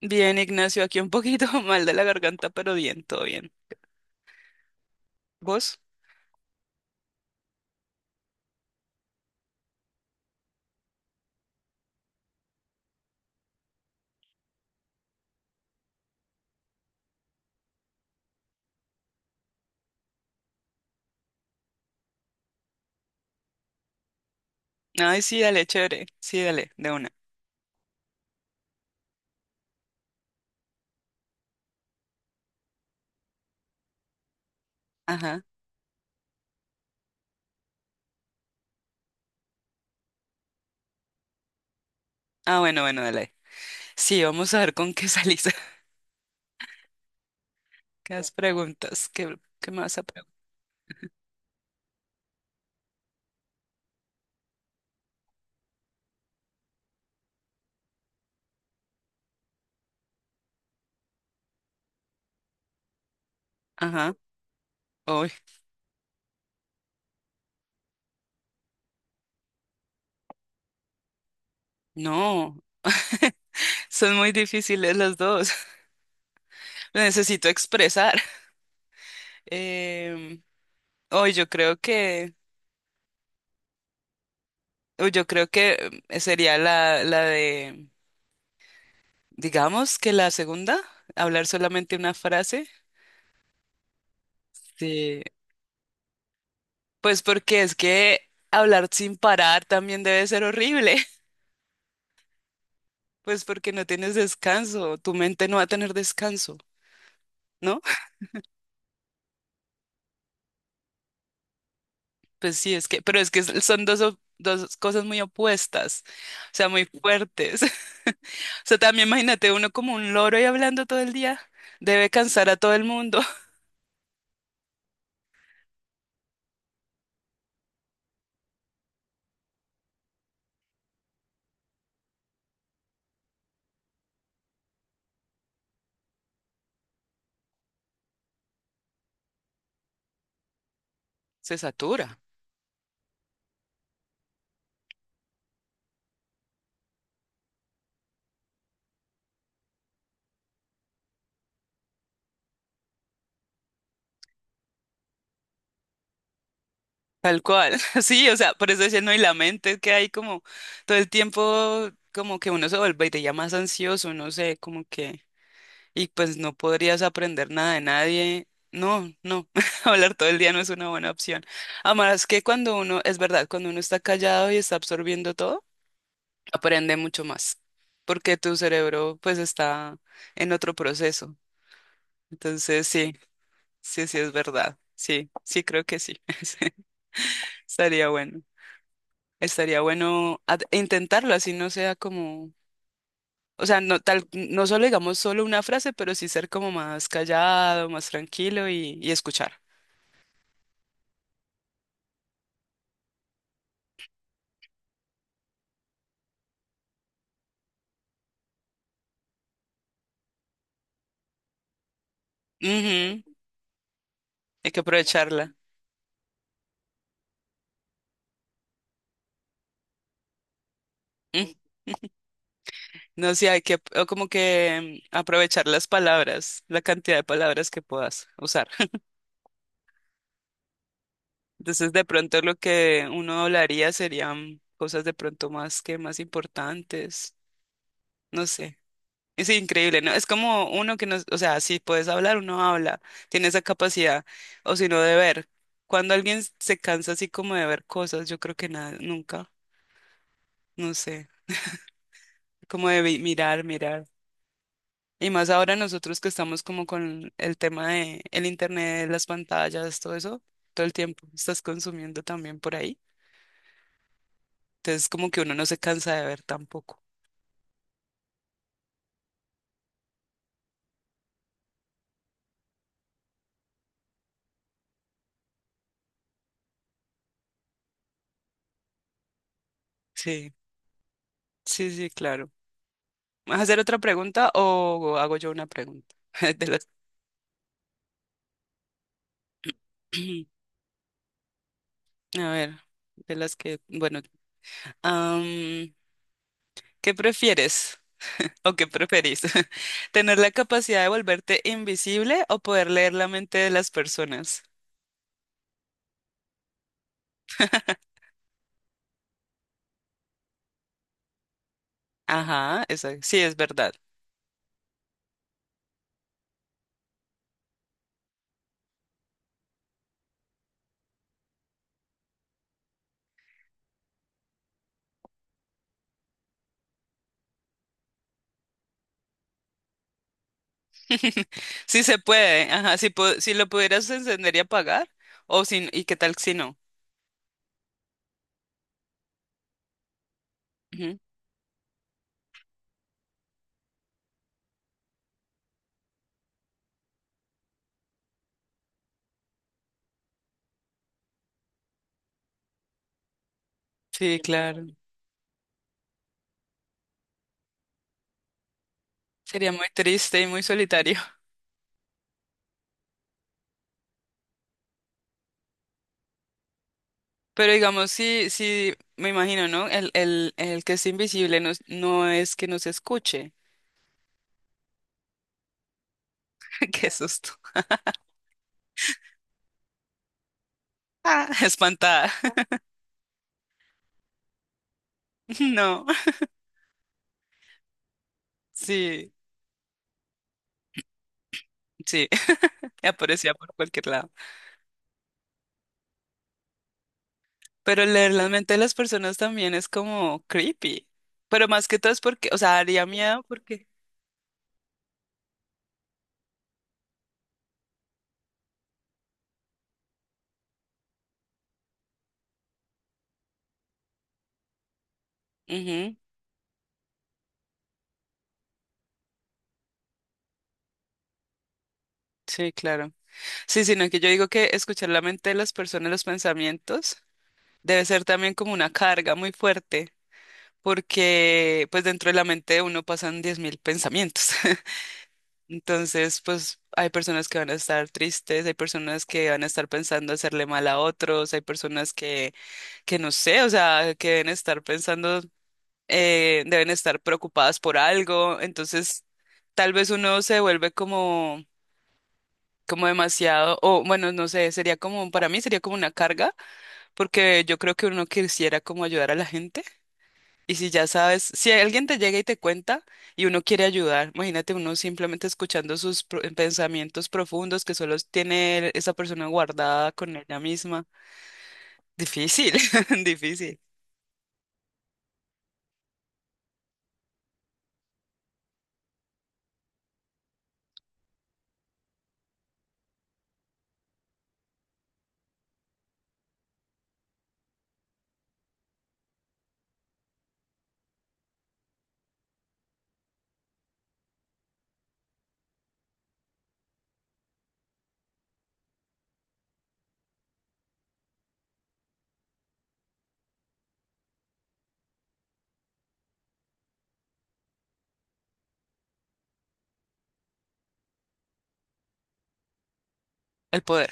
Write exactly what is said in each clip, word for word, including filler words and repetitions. Bien, Ignacio, aquí un poquito mal de la garganta, pero bien, todo bien. ¿Vos? Ay, sí, dale, chévere. Sí, dale, de una. Ajá. Ah, bueno, bueno, dale. Sí, vamos a ver con qué salís. ¿Qué has preguntas? ¿Qué, qué me vas a preguntar? Ajá. Uy, no. Son muy difíciles las dos. Lo necesito expresar. Em, Hoy yo creo que, uy, yo creo que eh, sería la, la de, digamos que la segunda, hablar solamente una frase. Sí, pues porque es que hablar sin parar también debe ser horrible, pues porque no tienes descanso, tu mente no va a tener descanso, ¿no? Pues sí, es que, pero es que son dos, op- dos cosas muy opuestas, o sea, muy fuertes. O sea, también imagínate uno como un loro y hablando todo el día, debe cansar a todo el mundo. Se satura, tal cual. Sí, o sea, por eso decía, no, y la mente que hay como todo el tiempo, como que uno se vuelve y te ya más ansioso, no sé, como que... y pues no podrías aprender nada de nadie. No, no, hablar todo el día no es una buena opción. Además que cuando uno, es verdad, cuando uno está callado y está absorbiendo todo, aprende mucho más, porque tu cerebro pues está en otro proceso. Entonces sí, sí, sí es verdad. Sí, sí creo que sí. Sí, estaría bueno. Estaría bueno ad- intentarlo, así no sea como, o sea, no tal, no solo digamos solo una frase, pero sí ser como más callado, más tranquilo y, y escuchar. Ujú. Hay que aprovecharla. Mm, no sé, hay que o como que mm, aprovechar las palabras, la cantidad de palabras que puedas usar. Entonces, de pronto lo que uno hablaría serían cosas de pronto más que más importantes. No sé. Es increíble, ¿no? Es como uno que no, o sea, si puedes hablar, uno habla, tiene esa capacidad, o si no, de ver. Cuando alguien se cansa así como de ver cosas, yo creo que nada, nunca, no sé, como de vi- mirar, mirar. Y más ahora nosotros que estamos como con el tema de el internet, las pantallas, todo eso, todo el tiempo estás consumiendo también por ahí. Entonces como que uno no se cansa de ver tampoco. Sí, sí, sí, claro. ¿Vas a hacer otra pregunta o hago yo una pregunta? De las, a ver, de las que, bueno, am, ¿qué prefieres o qué preferís? ¿Tener la capacidad de volverte invisible o poder leer la mente de las personas? Ajá, esa, sí, es verdad. Sí se puede, ajá, si, pu- si lo pudieras encender y apagar, o si, y qué tal si no. Ujú. Sí, claro. Sería muy triste y muy solitario. Pero digamos, sí, sí, me imagino, ¿no? El, el, el que es invisible no, es- no es que nos escuche. Qué susto. Ah, espantada. No. Sí, sí, aparecía por cualquier lado. Pero leer la mente de las personas también es como creepy. Pero más que todo es porque, o sea, haría miedo porque... Ujú. Sí, claro. Sí, sino que yo digo que escuchar la mente de las personas, los pensamientos, debe ser también como una carga muy fuerte, porque pues dentro de la mente de uno pasan diez mil pensamientos. Entonces, pues hay personas que van a estar tristes, hay personas que van a estar pensando hacerle mal a otros, hay personas que, que no sé, o sea, que deben estar pensando, eh, deben estar preocupadas por algo. Entonces, tal vez uno se vuelve como como demasiado, o bueno, no sé, sería como, para mí sería como una carga, porque yo creo que uno quisiera como ayudar a la gente. Y si ya sabes, si alguien te llega y te cuenta y uno quiere ayudar, imagínate uno simplemente escuchando sus pro- pensamientos profundos que solo tiene esa persona guardada con ella misma. Difícil, difícil. El poder.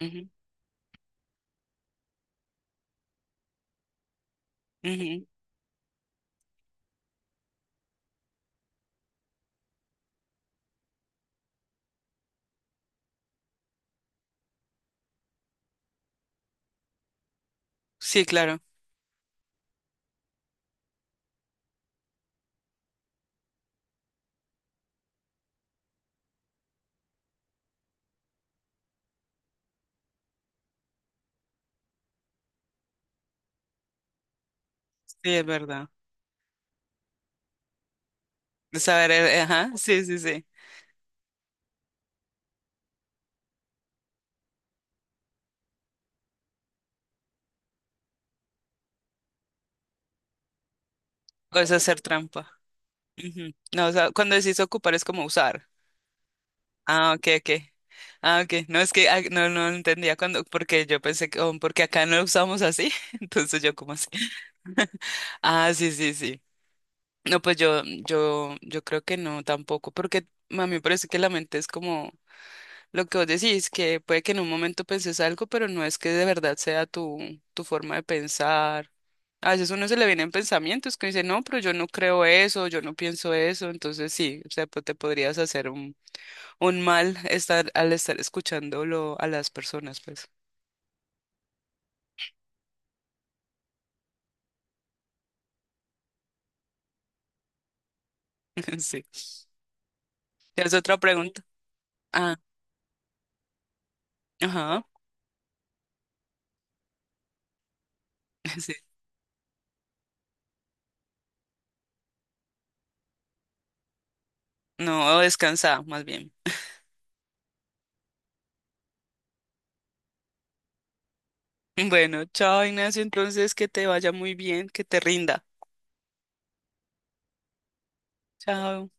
Ujú, ujú. Sí, claro. Sí, es verdad. De saber, eh, ajá, sí, sí, sí. O es hacer trampa. Ujú. No, o sea, cuando decís ocupar es como usar. Ah, ok, ok. Ah, ok. No, es que ah, no, no entendía cuando, porque yo pensé que, oh, porque acá no lo usamos así. Entonces yo como así. Ah, sí, sí, sí. No, pues yo, yo, yo creo que no tampoco, porque a mí me parece que la mente es como lo que vos decís, que puede que en un momento penses algo, pero no es que de verdad sea tu, tu forma de pensar. A veces uno se le vienen pensamientos que dice, no, pero yo no creo eso, yo no pienso eso, entonces sí, o sea, pues te podrías hacer un un mal estar al estar escuchándolo a las personas, pues. Sí. ¿Tienes otra pregunta? Ah, ajá. Sí. No, descansa, más bien. Bueno, chao, Ignacio, entonces que te vaya muy bien, que te rinda. Chao.